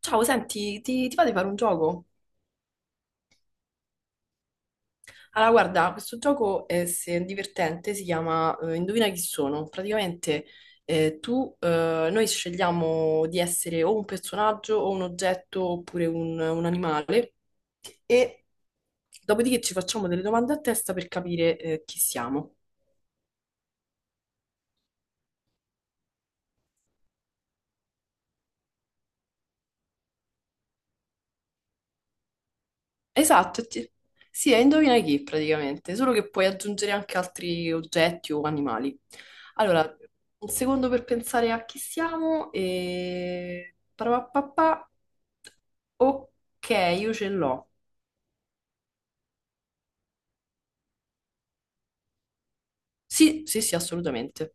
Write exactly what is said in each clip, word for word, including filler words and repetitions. Ciao, senti, ti, ti va di fare un gioco? Allora, guarda, questo gioco è se- divertente, si chiama eh, indovina chi sono. Praticamente eh, tu, eh, noi scegliamo di essere o un personaggio o un oggetto oppure un, un animale e dopodiché ci facciamo delle domande a testa per capire eh, chi siamo. Esatto, ti- sì, è indovina chi praticamente, solo che puoi aggiungere anche altri oggetti o animali. Allora, un secondo per pensare a chi siamo e... parapapapà. Ok, io ce l'ho. Sì, sì, sì, assolutamente.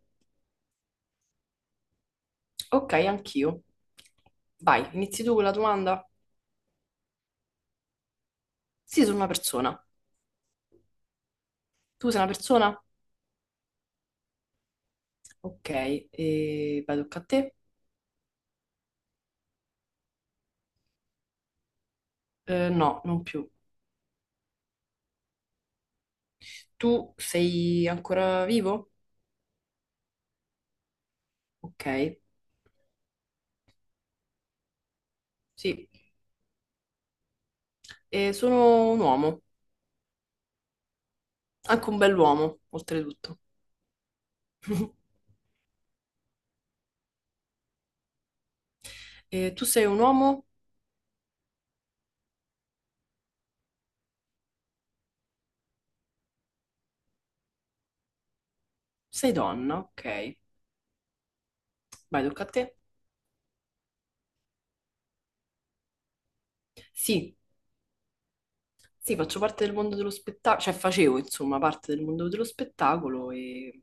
Ok, anch'io. Vai, inizi tu con la domanda? Sì, sono una persona. Tu sei una persona? Ok, e vai, tocca a te? Eh, no, non più. Tu sei ancora vivo? Ok. Sì, e sono un uomo, anche un bell'uomo, oltretutto. E tu sei un uomo? Sei donna, ok. Vai, tocca a te. Sì, sì, faccio parte del mondo dello spettacolo, cioè facevo, insomma, parte del mondo dello spettacolo e,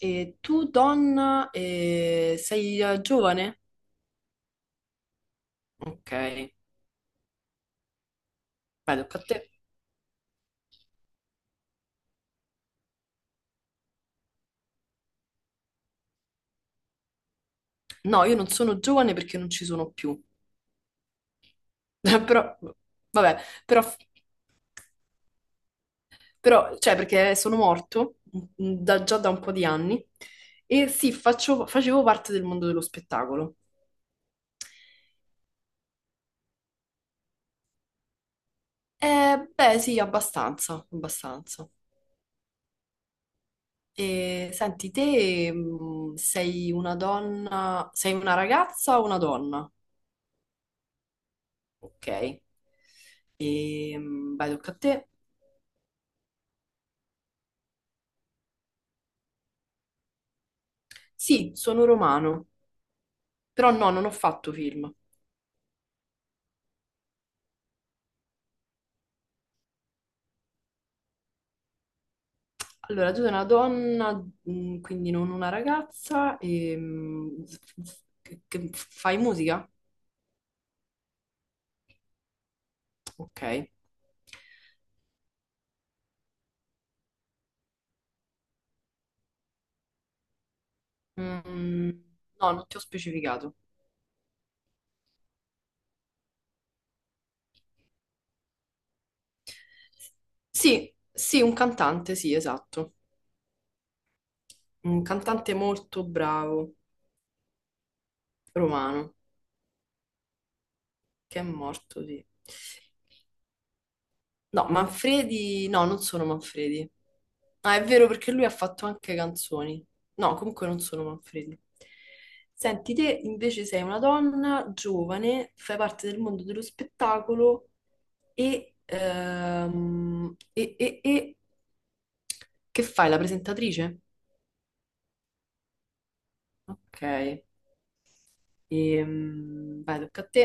e tu, donna, eh, sei eh, giovane? Ok, vai, tocca a te. No, io non sono giovane perché non ci sono più. Però, vabbè, però però, cioè, perché sono morto mm, da- già da un po' di anni e sì, faccio- facevo parte del mondo dello spettacolo. Eh, beh, sì, abbastanza, abbastanza. E senti, te mm, sei una donna, sei una ragazza o una donna? Ok. E, mm, vai, tocca a te. Sì, sono romano, però no, non ho fatto film. Allora, tu sei una donna, mm, quindi non una ragazza, e, mm, f- f- che- che fai musica? Ok. Mm, no, non ti ho specificato. Sì, sì, un cantante, sì, esatto. Un cantante molto bravo, romano, che è morto, sì. No, Manfredi, no, non sono Manfredi. Ah, è vero perché lui ha fatto anche canzoni. No, comunque non sono Manfredi. Senti, te invece sei una donna giovane, fai parte del mondo dello spettacolo e, ehm, e- e- e- che fai? La presentatrice? Ok. Ehm, vai, tocca a te.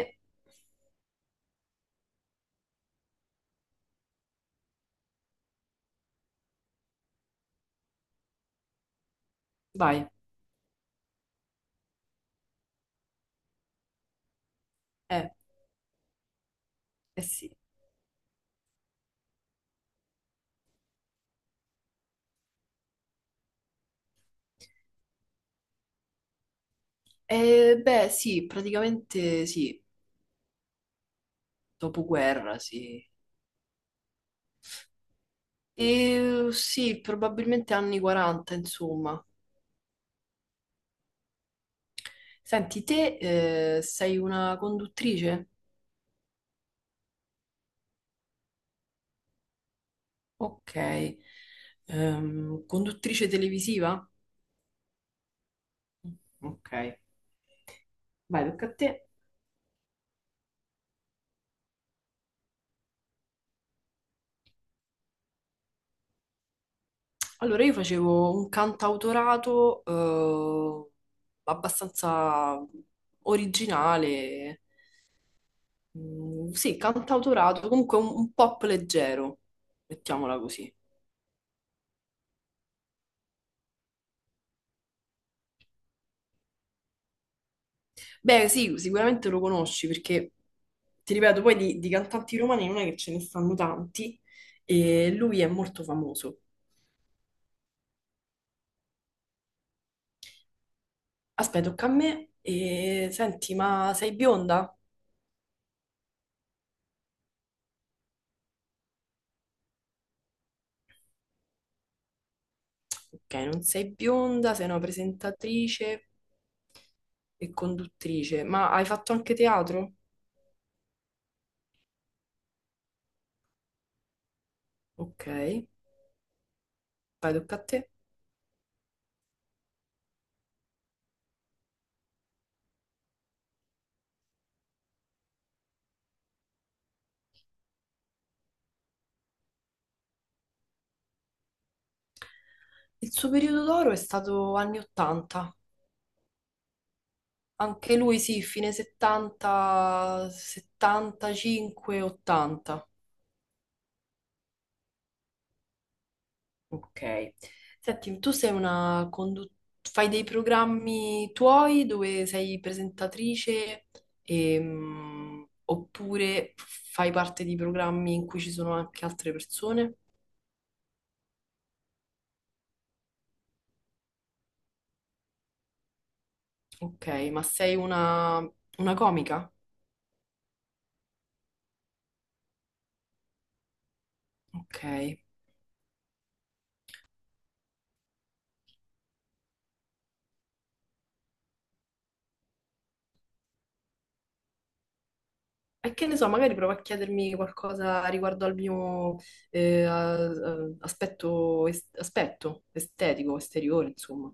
Vai. Eh, eh sì. Eh, beh, sì, praticamente sì, dopoguerra, sì. E, sì, probabilmente anni quaranta, insomma. Senti, te eh, sei una conduttrice? Ok. Ehm, conduttrice televisiva? Ok. Vai, tocca a te. Allora, io facevo un cantautorato eh, abbastanza originale. Mm, sì, cantautorato, comunque un, un pop leggero, mettiamola così. Beh, sì, sicuramente lo conosci perché, ti ripeto, poi di, di cantanti romani non è che ce ne stanno tanti e lui è molto famoso. Aspetta, tocca a me. E, senti, ma sei bionda? Ok, non sei bionda, sei una presentatrice e conduttrice, ma hai fatto anche teatro? Ok, vai, tocca a te. Il suo periodo d'oro è stato anni ottanta. Anche lui sì, fine settanta, settantacinque, ottanta. Ok. Senti, tu sei una condu- fai dei programmi tuoi dove sei presentatrice ehm, oppure fai parte di programmi in cui ci sono anche altre persone? Ok, ma sei una, una comica? Ok. E che ne so, magari provo a chiedermi qualcosa riguardo al mio eh, a- a- aspetto, es- aspetto estetico, esteriore, insomma.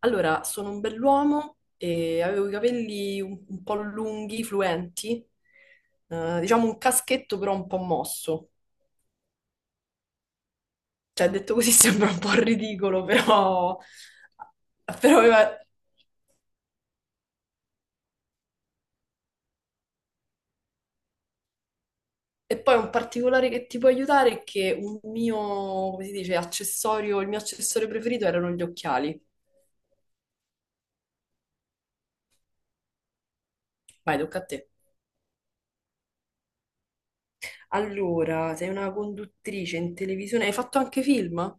Allora, sono un bell'uomo e avevo i capelli un, un po' lunghi, fluenti, eh, diciamo un caschetto però un po' mosso. Cioè, detto così sembra un po' ridicolo, però... però aveva- E poi un particolare che ti può aiutare è che un mio, come si dice, accessorio, il mio accessorio preferito erano gli occhiali. Vai, tocca a te. Allora, sei una conduttrice in televisione. Hai fatto anche film?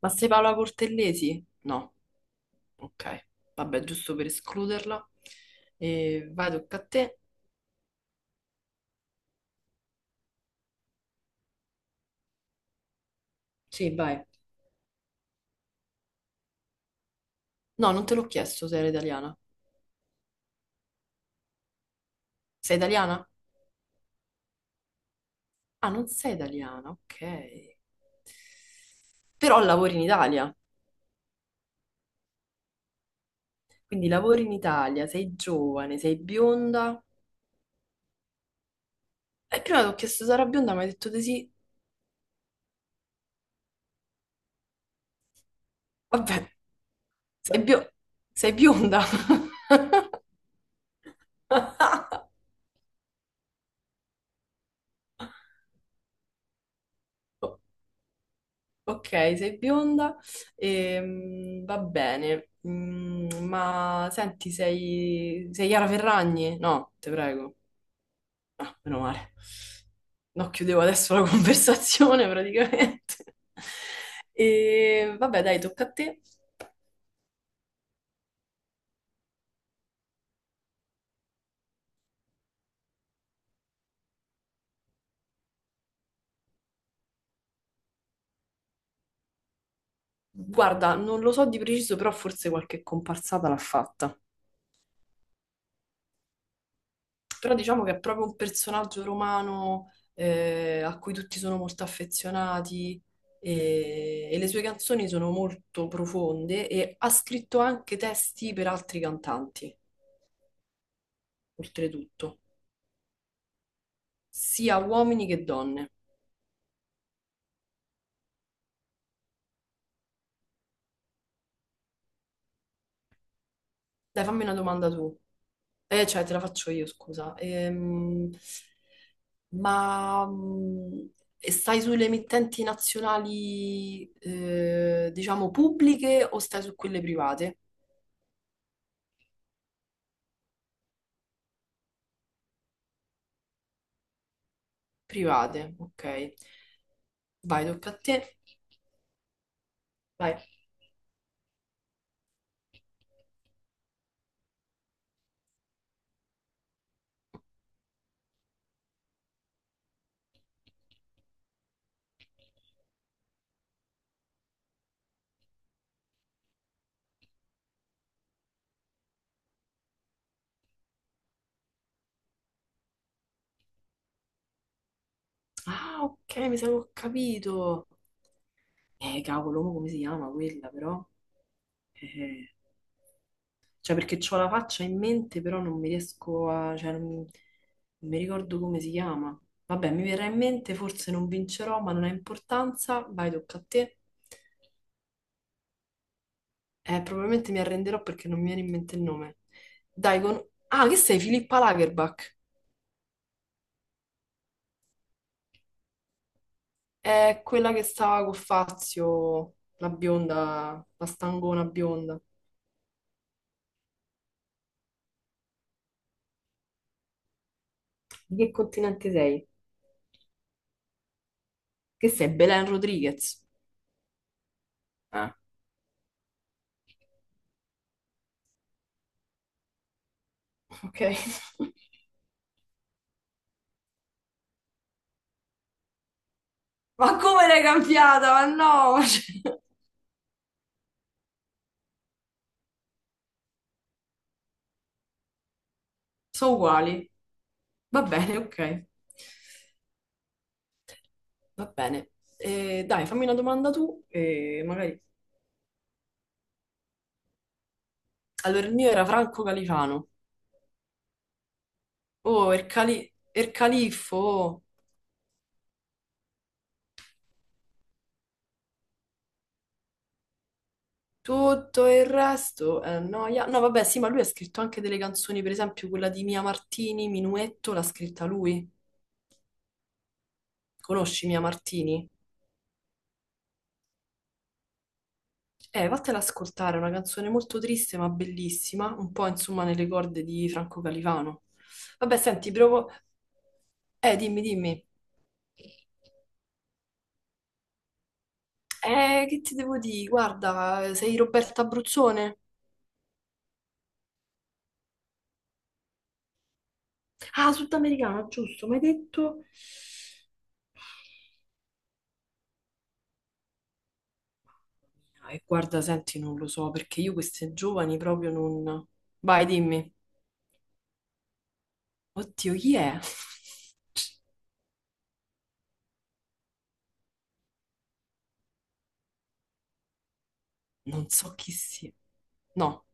Ma sei Paola Cortellesi? No, ok. Vabbè, giusto per escluderla. E vai, tocca a te. Sì, vai. No, non te l'ho chiesto se eri italiana. Sei italiana? Ah, non sei italiana, ok. Però lavori in Italia. Quindi lavori in Italia, sei giovane, sei bionda. E prima ti ho chiesto se era bionda, ma hai detto di sì. Vabbè, sei bio- sei bionda. O- Ok, sei bionda, ehm, va bene, mm, ma senti, sei, sei Chiara Ferragni? No, ti prego. Ah, meno male. No, chiudevo adesso la conversazione praticamente. E vabbè, dai, tocca a te. Guarda, non lo so di preciso, però forse qualche comparsata l'ha fatta. Però diciamo che è proprio un personaggio romano eh, a cui tutti sono molto affezionati e, e le sue canzoni sono molto profonde e ha scritto anche testi per altri cantanti, oltretutto, sia uomini che donne. Dai, fammi una domanda tu. Eh, cioè, te la faccio io, scusa. Ehm, ma mm, e stai sulle emittenti nazionali, eh, diciamo, pubbliche o stai su quelle private? Private, ok. Vai, tocca a te. Vai. Ah, ok, mi sa che ho capito. Eh, cavolo, mo come si chiama quella, però? Eh, cioè, perché ho la faccia in mente, però non mi riesco a... cioè, non mi, non mi ricordo come si chiama. Vabbè, mi verrà in mente, forse non vincerò, ma non ha importanza. Vai, tocca a te. Eh, probabilmente mi arrenderò perché non mi viene in mente il nome. Dai, con... Ah, che sei? Filippa Lagerbach. È quella che stava con Fazio, la bionda, la stangona bionda. Di che continente sei? Che sei? Belen Rodriguez. Ah, ok. Ma come l'hai cambiata? Ma no! Cioè, sono uguali. Va bene, ok. Va bene. Eh, dai, fammi una domanda tu e magari... Allora, il mio era Franco Califano. Oh, il, cali... il califfo. Oh. Tutto il resto è noia. No, vabbè, sì, ma lui ha scritto anche delle canzoni, per esempio quella di Mia Martini, Minuetto, l'ha scritta lui. Conosci Mia Martini? Eh, vattela ad ascoltare, è una canzone molto triste ma bellissima, un po' insomma nelle corde di Franco Califano. Vabbè, senti, provo... Eh, dimmi, dimmi. Eh, che ti devo dire? Guarda, sei Roberta Abruzzone? Ah, sudamericana, giusto, mi hai detto... E guarda, senti, non lo so perché io queste giovani proprio non. Vai, dimmi. Oddio, chi è? Non so chi sia. No,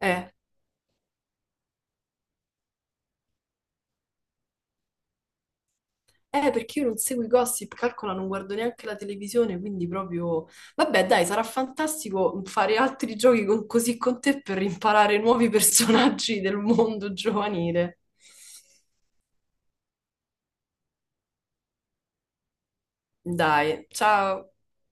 eh. Eh, perché io non seguo i gossip, calcola, non guardo neanche la televisione, quindi proprio... Vabbè, dai, sarà fantastico fare altri giochi con- così con te per imparare nuovi personaggi del mondo giovanile. Dai, ciao.